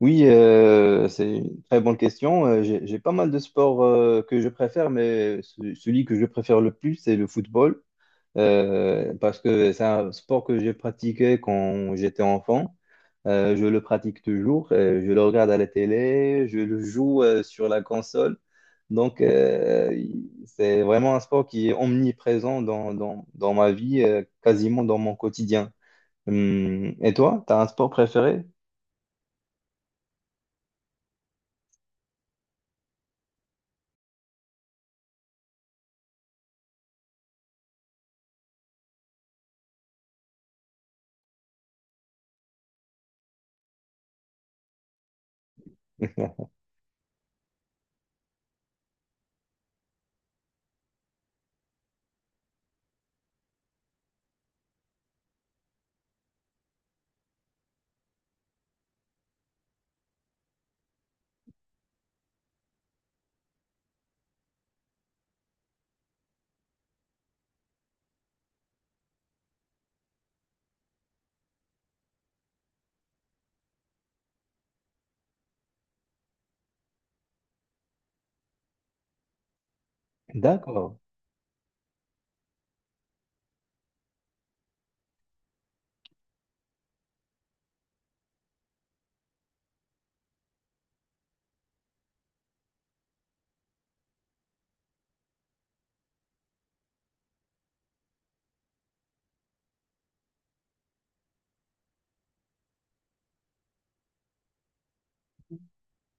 Oui, c'est une très bonne question. J'ai pas mal de sports que je préfère, mais celui que je préfère le plus, c'est le football, parce que c'est un sport que j'ai pratiqué quand j'étais enfant. Je le pratique toujours, je le regarde à la télé, je le joue sur la console. C'est vraiment un sport qui est omniprésent dans ma vie, quasiment dans mon quotidien. Et toi, tu as un sport préféré? D'accord.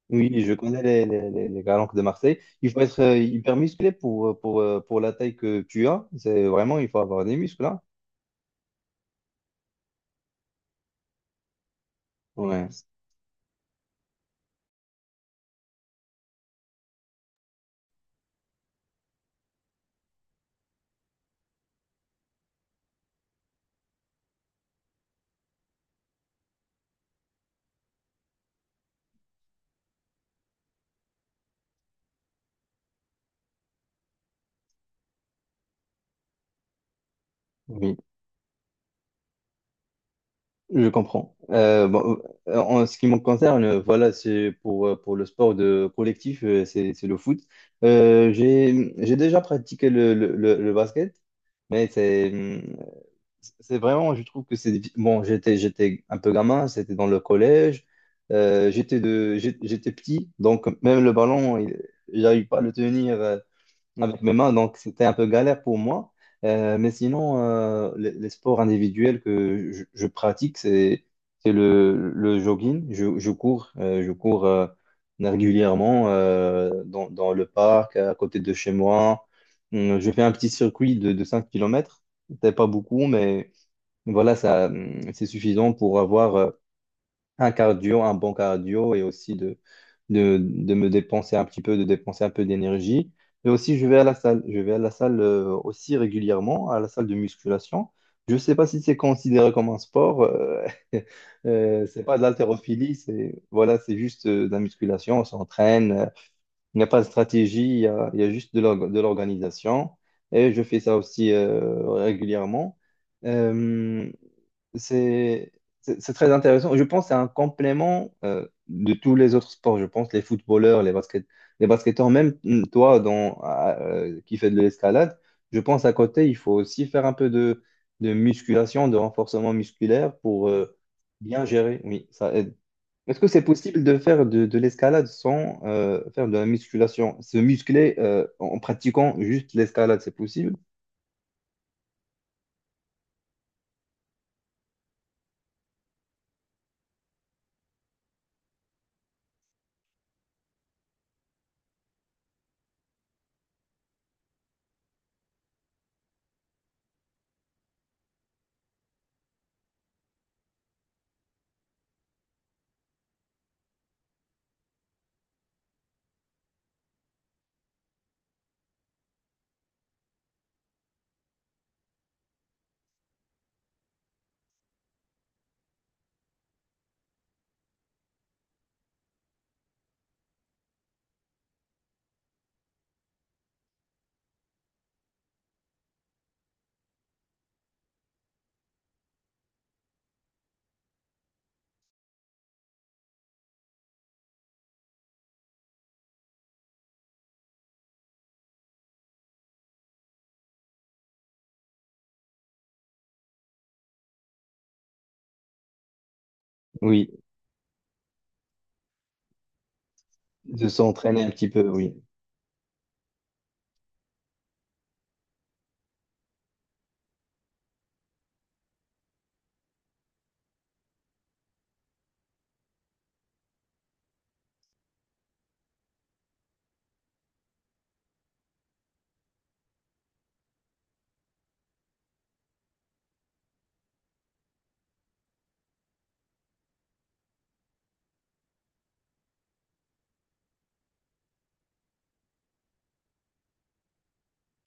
Oui, je connais les calanques de Marseille. Il faut être hyper musclé pour la taille que tu as. C'est vraiment, il faut avoir des muscles, là. Ouais, oui, je comprends. Bon, en ce qui me concerne, voilà, c'est pour le sport de collectif, c'est le foot. J'ai déjà pratiqué le basket, mais c'est, c'est vraiment, je trouve que c'est... Bon, j'étais un peu gamin, c'était dans le collège, j'étais petit, donc même le ballon, il- j'arrive pas à le tenir avec mes mains, donc c'était un peu galère pour moi. Mais sinon, les sports individuels que je pratique, c'est le jogging, je cours régulièrement dans, dans le parc, à côté de chez moi. Je fais un petit circuit de 5 km. C'était pas beaucoup, mais donc voilà, ça, c'est suffisant pour avoir un cardio, un bon cardio et aussi de me dépenser un petit peu, de dépenser un peu d'énergie. Et aussi, je vais à la salle. Je vais à la salle aussi régulièrement, à la salle de musculation. Je ne sais pas si c'est considéré comme un sport. C'est pas de l'haltérophilie, c'est voilà, c'est juste de la musculation. On s'entraîne, il n'y a pas de stratégie, il y a juste de l'organisation. Et je fais ça aussi régulièrement. Euh, c'est c'est très intéressant. Je pense que c'est un complément de tous les autres sports. Je pense les footballeurs, les basket, les basketteurs, même toi qui fais de l'escalade, je pense à côté, il faut aussi faire un peu de musculation, de renforcement musculaire pour bien gérer. Oui, ça aide. Est-ce que c'est possible de faire de l'escalade sans faire de la musculation? Se muscler en en pratiquant juste l'escalade, c'est possible? Oui, de s'entraîner un petit peu, oui.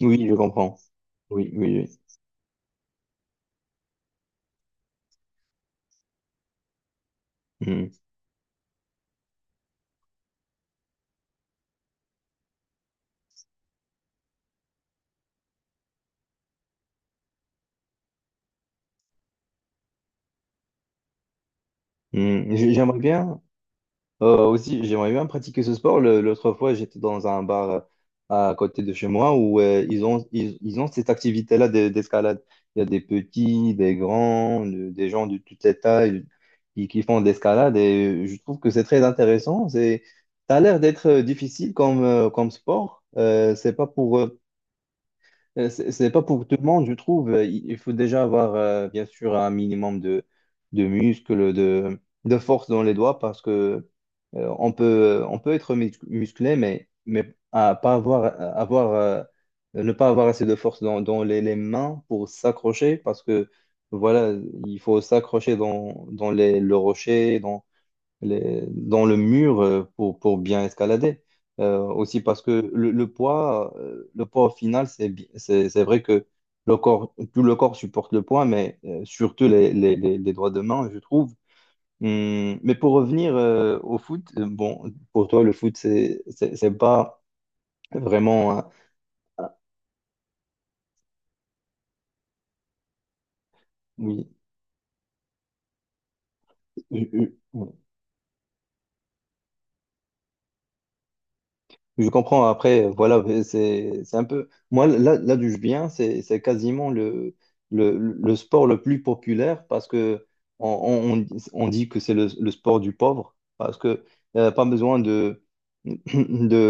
Oui, je comprends. Oui, oui, oui. Mm. Mm. J- J'aimerais bien aussi, j'aimerais bien pratiquer ce sport. Le- L'autre fois, j'étais dans un bar à côté de chez moi où ils ont cette activité-là d'escalade. Il y a des petits, des grands, de- des gens de toutes les tailles qui font de l'escalade et je trouve que c'est très intéressant. C'est, ça a l'air d'être difficile comme, comme sport. C'est pas pour tout le monde, je trouve. Il faut déjà avoir, bien sûr, un minimum de muscles, de force dans les doigts parce que. On peut être musclé, mais à pas avoir, à avoir, ne pas avoir assez de force dans, dans les mains pour s'accrocher, parce que voilà, il faut s'accrocher dans, dans les, le rocher, dans, les, dans le mur pour bien escalader. Aussi parce que le poids au final, c'est vrai que le corps, tout le corps supporte le poids, mais surtout les doigts de main, je trouve. Mais pour revenir au foot, bon, pour toi, le foot, c'est pas vraiment. Hein, oui, je comprends. Après, voilà, c'est un peu. Moi, là, d'où je viens, c'est quasiment le, le sport le plus populaire parce que on, on dit que c'est le sport du pauvre parce que pas besoin de,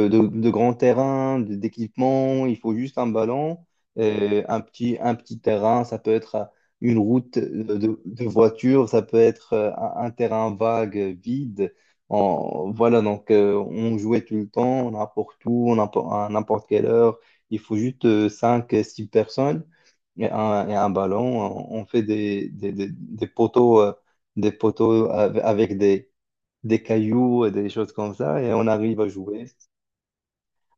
de grands terrains, d'équipements. Il faut juste un ballon, et un petit terrain. Ça peut être une route de voiture, ça peut être un terrain vague, vide. On- voilà, donc on jouait tout le temps, n'importe où, n'importe- à n'importe quelle heure. Il faut juste 5, 6 personnes et un ballon. On fait des poteaux avec des cailloux et des choses comme ça et on arrive à jouer,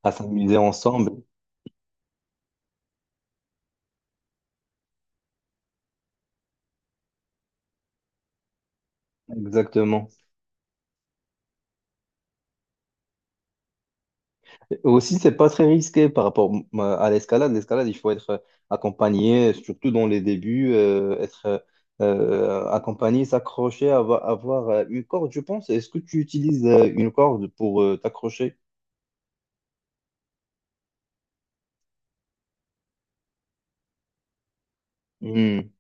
à s'amuser ensemble. Exactement. Aussi, c'est pas très risqué par rapport à l'escalade. L'escalade, il faut être accompagné, surtout dans les débuts, être accompagné, s'accrocher, avoir une corde, je pense. Est-ce que tu utilises une corde pour t'accrocher? Hmm,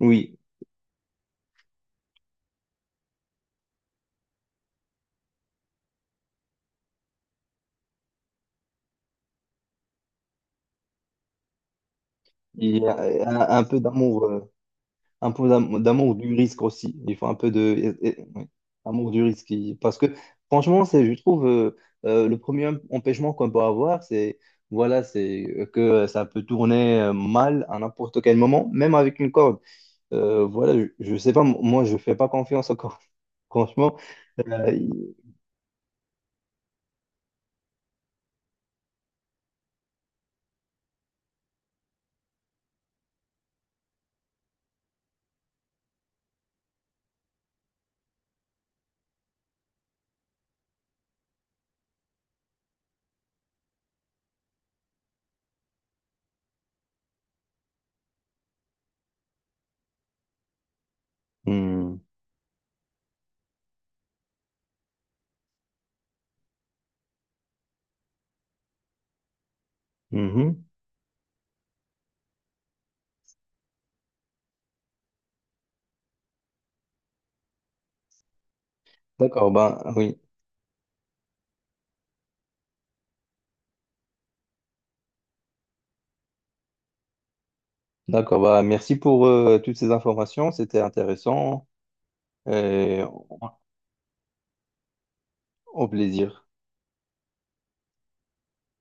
oui, il y a un peu d'amour. Un peu d'amour du risque aussi. Il faut un peu de ouais, amour du risque. Il- Parce que franchement, c'est, je trouve, le premier empêchement qu'on peut avoir, c'est voilà, c'est que ça peut tourner mal à n'importe quel moment, même avec une corde. Voilà, je sais pas, moi, je fais pas confiance aux cordes. Franchement, il- Hmm. Mhm. D'accord, bah oui. D'accord, bah merci pour toutes ces informations, c'était intéressant et au au plaisir.